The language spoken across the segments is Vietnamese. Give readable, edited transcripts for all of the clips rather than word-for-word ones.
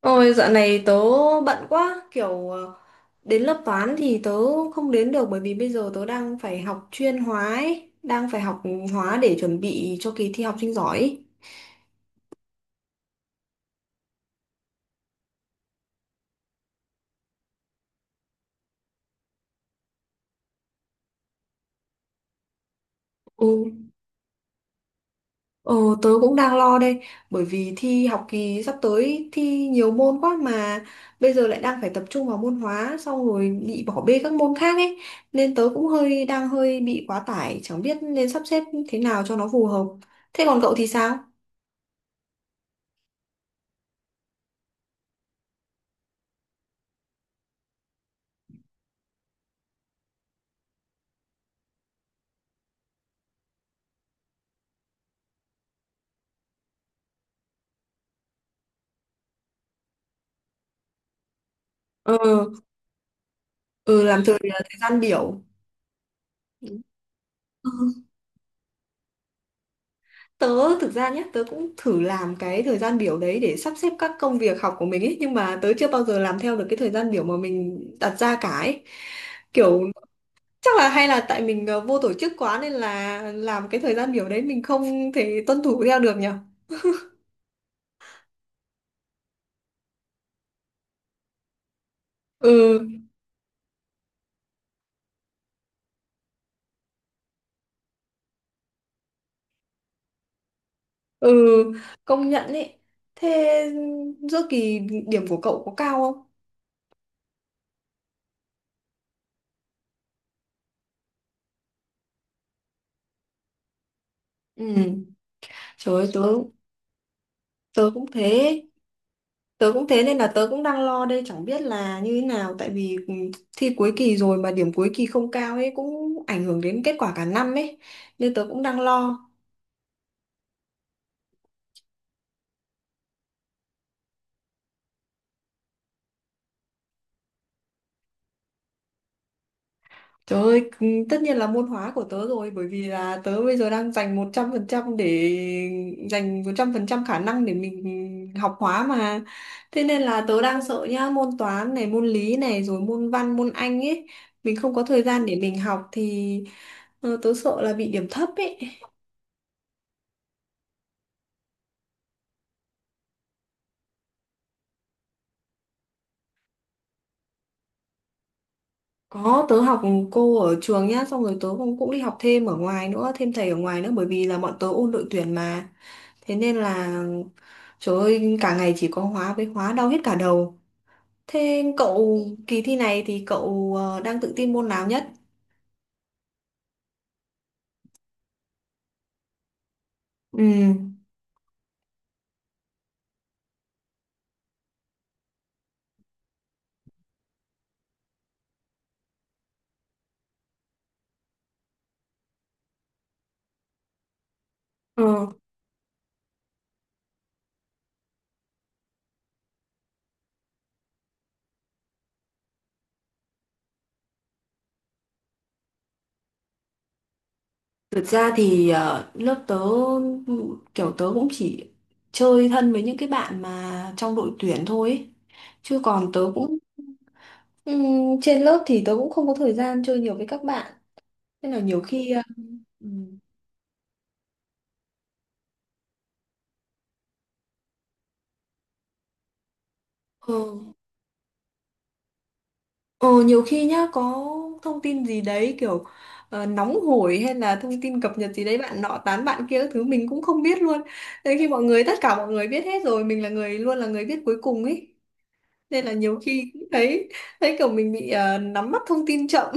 Ôi dạo này tớ bận quá kiểu đến lớp toán thì tớ không đến được bởi vì bây giờ tớ đang phải học chuyên hóa ấy, đang phải học hóa để chuẩn bị cho kỳ thi học sinh giỏi ấy. Ừ, ờ, tớ cũng đang lo đây bởi vì thi học kỳ sắp tới thi nhiều môn quá mà bây giờ lại đang phải tập trung vào môn hóa xong rồi bị bỏ bê các môn khác ấy nên tớ cũng hơi đang hơi bị quá tải chẳng biết nên sắp xếp thế nào cho nó phù hợp. Thế còn cậu thì sao? Ừ. Ừ, làm thời thời gian biểu. Ừ. Tớ thực ra nhé, tớ cũng thử làm cái thời gian biểu đấy để sắp xếp các công việc học của mình ấy, nhưng mà tớ chưa bao giờ làm theo được cái thời gian biểu mà mình đặt ra cả ấy. Kiểu chắc là hay là tại mình vô tổ chức quá nên là làm cái thời gian biểu đấy mình không thể tuân thủ theo được nhở. Ừ, ừ, công nhận ấy. Thế giữa kỳ điểm của cậu có cao không? Ừ, trời ơi, tớ tớ cũng thế. Tớ cũng thế nên là tớ cũng đang lo đây chẳng biết là như thế nào tại vì thi cuối kỳ rồi mà điểm cuối kỳ không cao ấy cũng ảnh hưởng đến kết quả cả năm ấy nên tớ cũng đang lo. Trời ơi, ừ, tất nhiên là môn hóa của tớ rồi bởi vì là tớ bây giờ đang dành 100% khả năng để mình học hóa mà. Thế nên là tớ đang sợ nhá, môn toán này, môn lý này rồi môn văn, môn Anh ấy, mình không có thời gian để mình học thì tớ sợ là bị điểm thấp ấy. Có, tớ học cô ở trường nhá, xong rồi tớ cũng cũng đi học thêm ở ngoài nữa, thêm thầy ở ngoài nữa bởi vì là bọn tớ ôn đội tuyển mà. Thế nên là trời ơi, cả ngày chỉ có hóa với hóa đau hết cả đầu. Thế cậu kỳ thi này thì cậu đang tự tin môn nào nhất? Ừ. Ừ. Thực ra thì lớp tớ kiểu tớ cũng chỉ chơi thân với những cái bạn mà trong đội tuyển thôi ấy. Chứ còn tớ cũng. Trên lớp thì tớ cũng không có thời gian chơi nhiều với các bạn nên là nhiều khi ờ, Ờ, ờ, nhiều khi nhá có thông tin gì đấy kiểu nóng hổi hay là thông tin cập nhật gì đấy bạn nọ tán bạn kia các thứ mình cũng không biết luôn. Nên khi mọi người tất cả mọi người biết hết rồi mình là người luôn là người biết cuối cùng ấy. Nên là nhiều khi cũng thấy thấy kiểu mình bị nắm bắt thông tin chậm.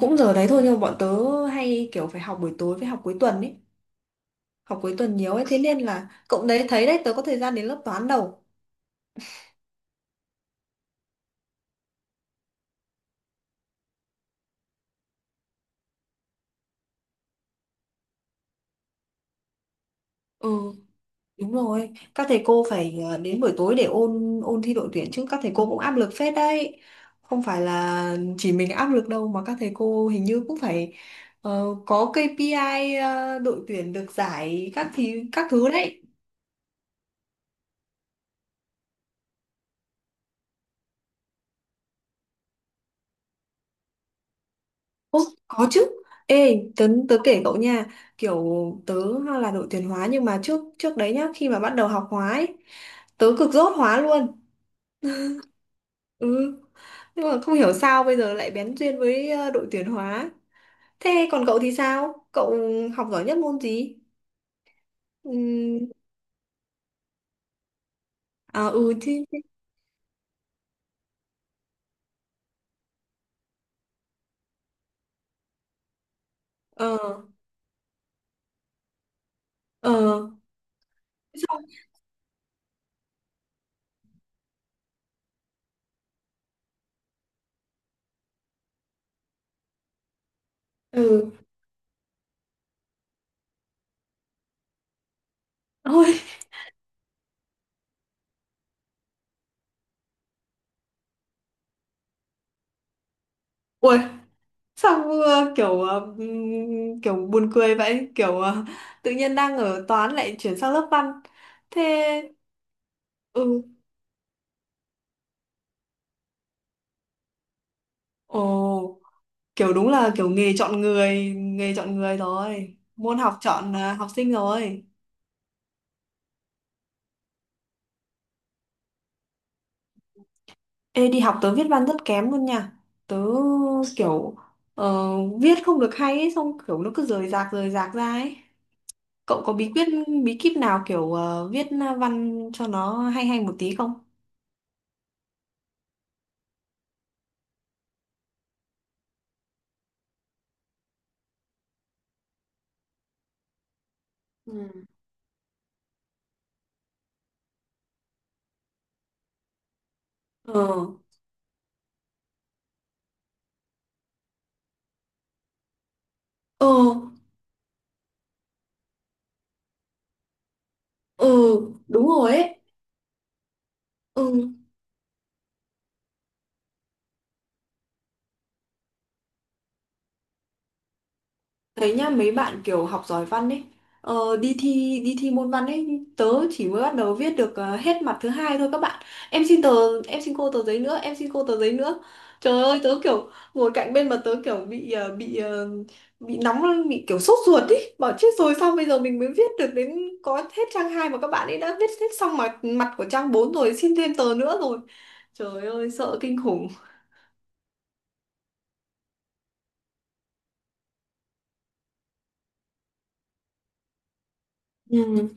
Cũng giờ đấy thôi nhưng mà bọn tớ hay kiểu phải học buổi tối với học cuối tuần ấy. Học cuối tuần nhiều ấy thế nên là cậu đấy thấy đấy tớ có thời gian đến lớp toán đâu. Ừ. Đúng rồi, các thầy cô phải đến buổi tối để ôn ôn thi đội tuyển chứ các thầy cô cũng áp lực phết đấy. Không phải là chỉ mình áp lực đâu mà các thầy cô hình như cũng phải có KPI, đội tuyển được giải các thì các thứ đấy. Ô, có chứ. Ê, tớ kể cậu nha, kiểu tớ là đội tuyển hóa nhưng mà trước trước đấy nhá, khi mà bắt đầu học hóa ấy, tớ cực dốt hóa luôn. Ừ. Nhưng mà không hiểu sao bây giờ lại bén duyên với đội tuyển hóa. Thế còn cậu thì sao? Cậu học giỏi nhất môn gì? Ừ. À, ừ thì. Ờ ờ sao? Ừ. Ôi. Ui. Sao vừa kiểu kiểu buồn cười vậy kiểu tự nhiên đang ở toán lại chuyển sang lớp văn thế. Ừ. Ồ, kiểu đúng là kiểu nghề chọn người rồi môn học chọn học sinh rồi. Ê, đi học tớ viết văn rất kém luôn nha. Tớ kiểu ờ, viết không được hay ấy, xong kiểu nó cứ rời rạc ra ấy. Cậu có bí quyết bí kíp nào kiểu viết văn cho nó hay hay một tí không? Ừ. Ờ, ờ, ờ, đúng rồi ấy. Ừ, thấy nhá mấy bạn kiểu học giỏi văn ấy đi thi môn văn ấy tớ chỉ mới bắt đầu viết được hết mặt thứ hai thôi, các bạn em xin tờ em xin cô tờ giấy nữa, em xin cô tờ giấy nữa. Trời ơi tớ kiểu ngồi cạnh bên mà tớ kiểu bị nóng lên, bị kiểu sốt ruột ý bảo chết rồi sao bây giờ mình mới viết được đến có hết trang hai mà các bạn ấy đã viết hết xong mặt mặt của trang 4 rồi xin thêm tờ nữa rồi, trời ơi sợ kinh khủng. Ừ.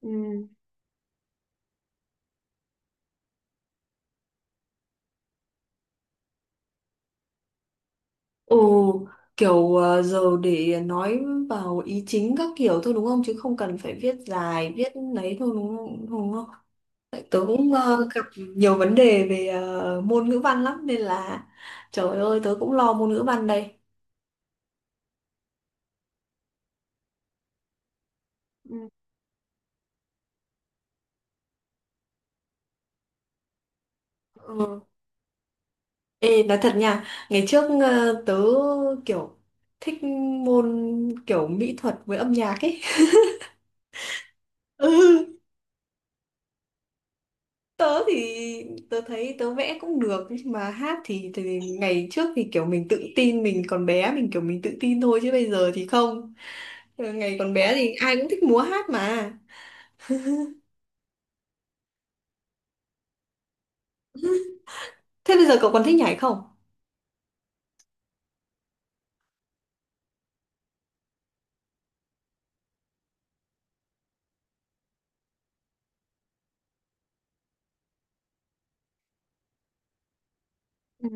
Ừ. Ồ, kiểu giờ để nói vào ý chính các kiểu thôi đúng không? Chứ không cần phải viết dài, viết lấy thôi đúng không? Đúng không? Tại tớ cũng gặp nhiều vấn đề về môn ngữ văn lắm nên là trời ơi tớ cũng lo môn ngữ văn đây. Ừ. Ừ. Ê, nói thật nha, ngày trước tớ kiểu thích môn kiểu mỹ thuật với âm nhạc ấy. Ừ. Tớ thì tớ thấy tớ vẽ cũng được nhưng mà hát thì ngày trước thì kiểu mình tự tin mình còn bé mình kiểu mình tự tin thôi chứ bây giờ thì không. Ừ, ngày còn bé thì ai cũng thích múa hát mà. Thế bây giờ cậu còn thích nhảy không? Ừ.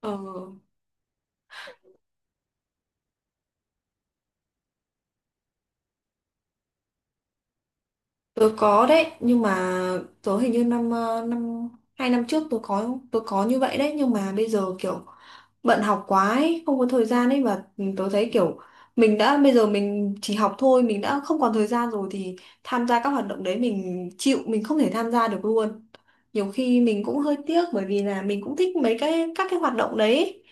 Ờ. Tớ có đấy, nhưng mà tớ hình như năm ờ, năm 2 năm trước tớ có như vậy đấy, nhưng mà bây giờ kiểu bận học quá ấy, không có thời gian ấy, và tớ thấy kiểu mình đã bây giờ mình chỉ học thôi, mình đã không còn thời gian rồi thì tham gia các hoạt động đấy mình chịu, mình không thể tham gia được luôn. Nhiều khi mình cũng hơi tiếc bởi vì là mình cũng thích mấy cái các cái hoạt động đấy.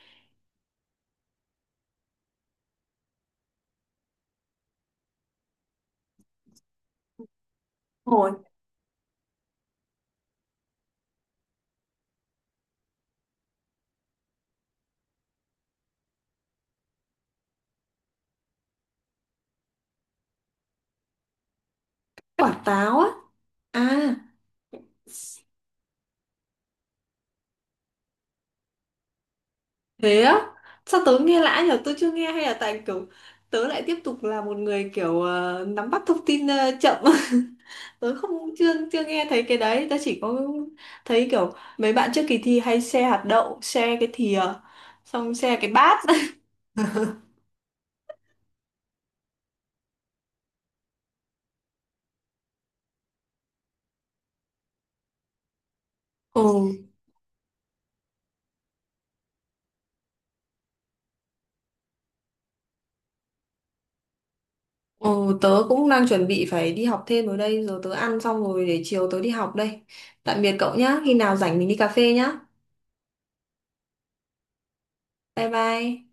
Hồi quả táo á. À. Thế á? Sao tớ nghe lạ nhở? Tớ chưa nghe hay là tại kiểu tớ lại tiếp tục là một người kiểu nắm bắt thông tin chậm. Tớ không chưa chưa nghe thấy cái đấy, tớ chỉ có thấy kiểu mấy bạn trước kỳ thi hay share hạt đậu, share cái thìa, xong share cái bát. Ồ, ồ, tớ cũng đang chuẩn bị phải đi học thêm rồi đây rồi tớ ăn xong rồi để chiều tớ đi học đây. Tạm biệt cậu nhá, khi nào rảnh mình đi cà phê nhá. Bye bye.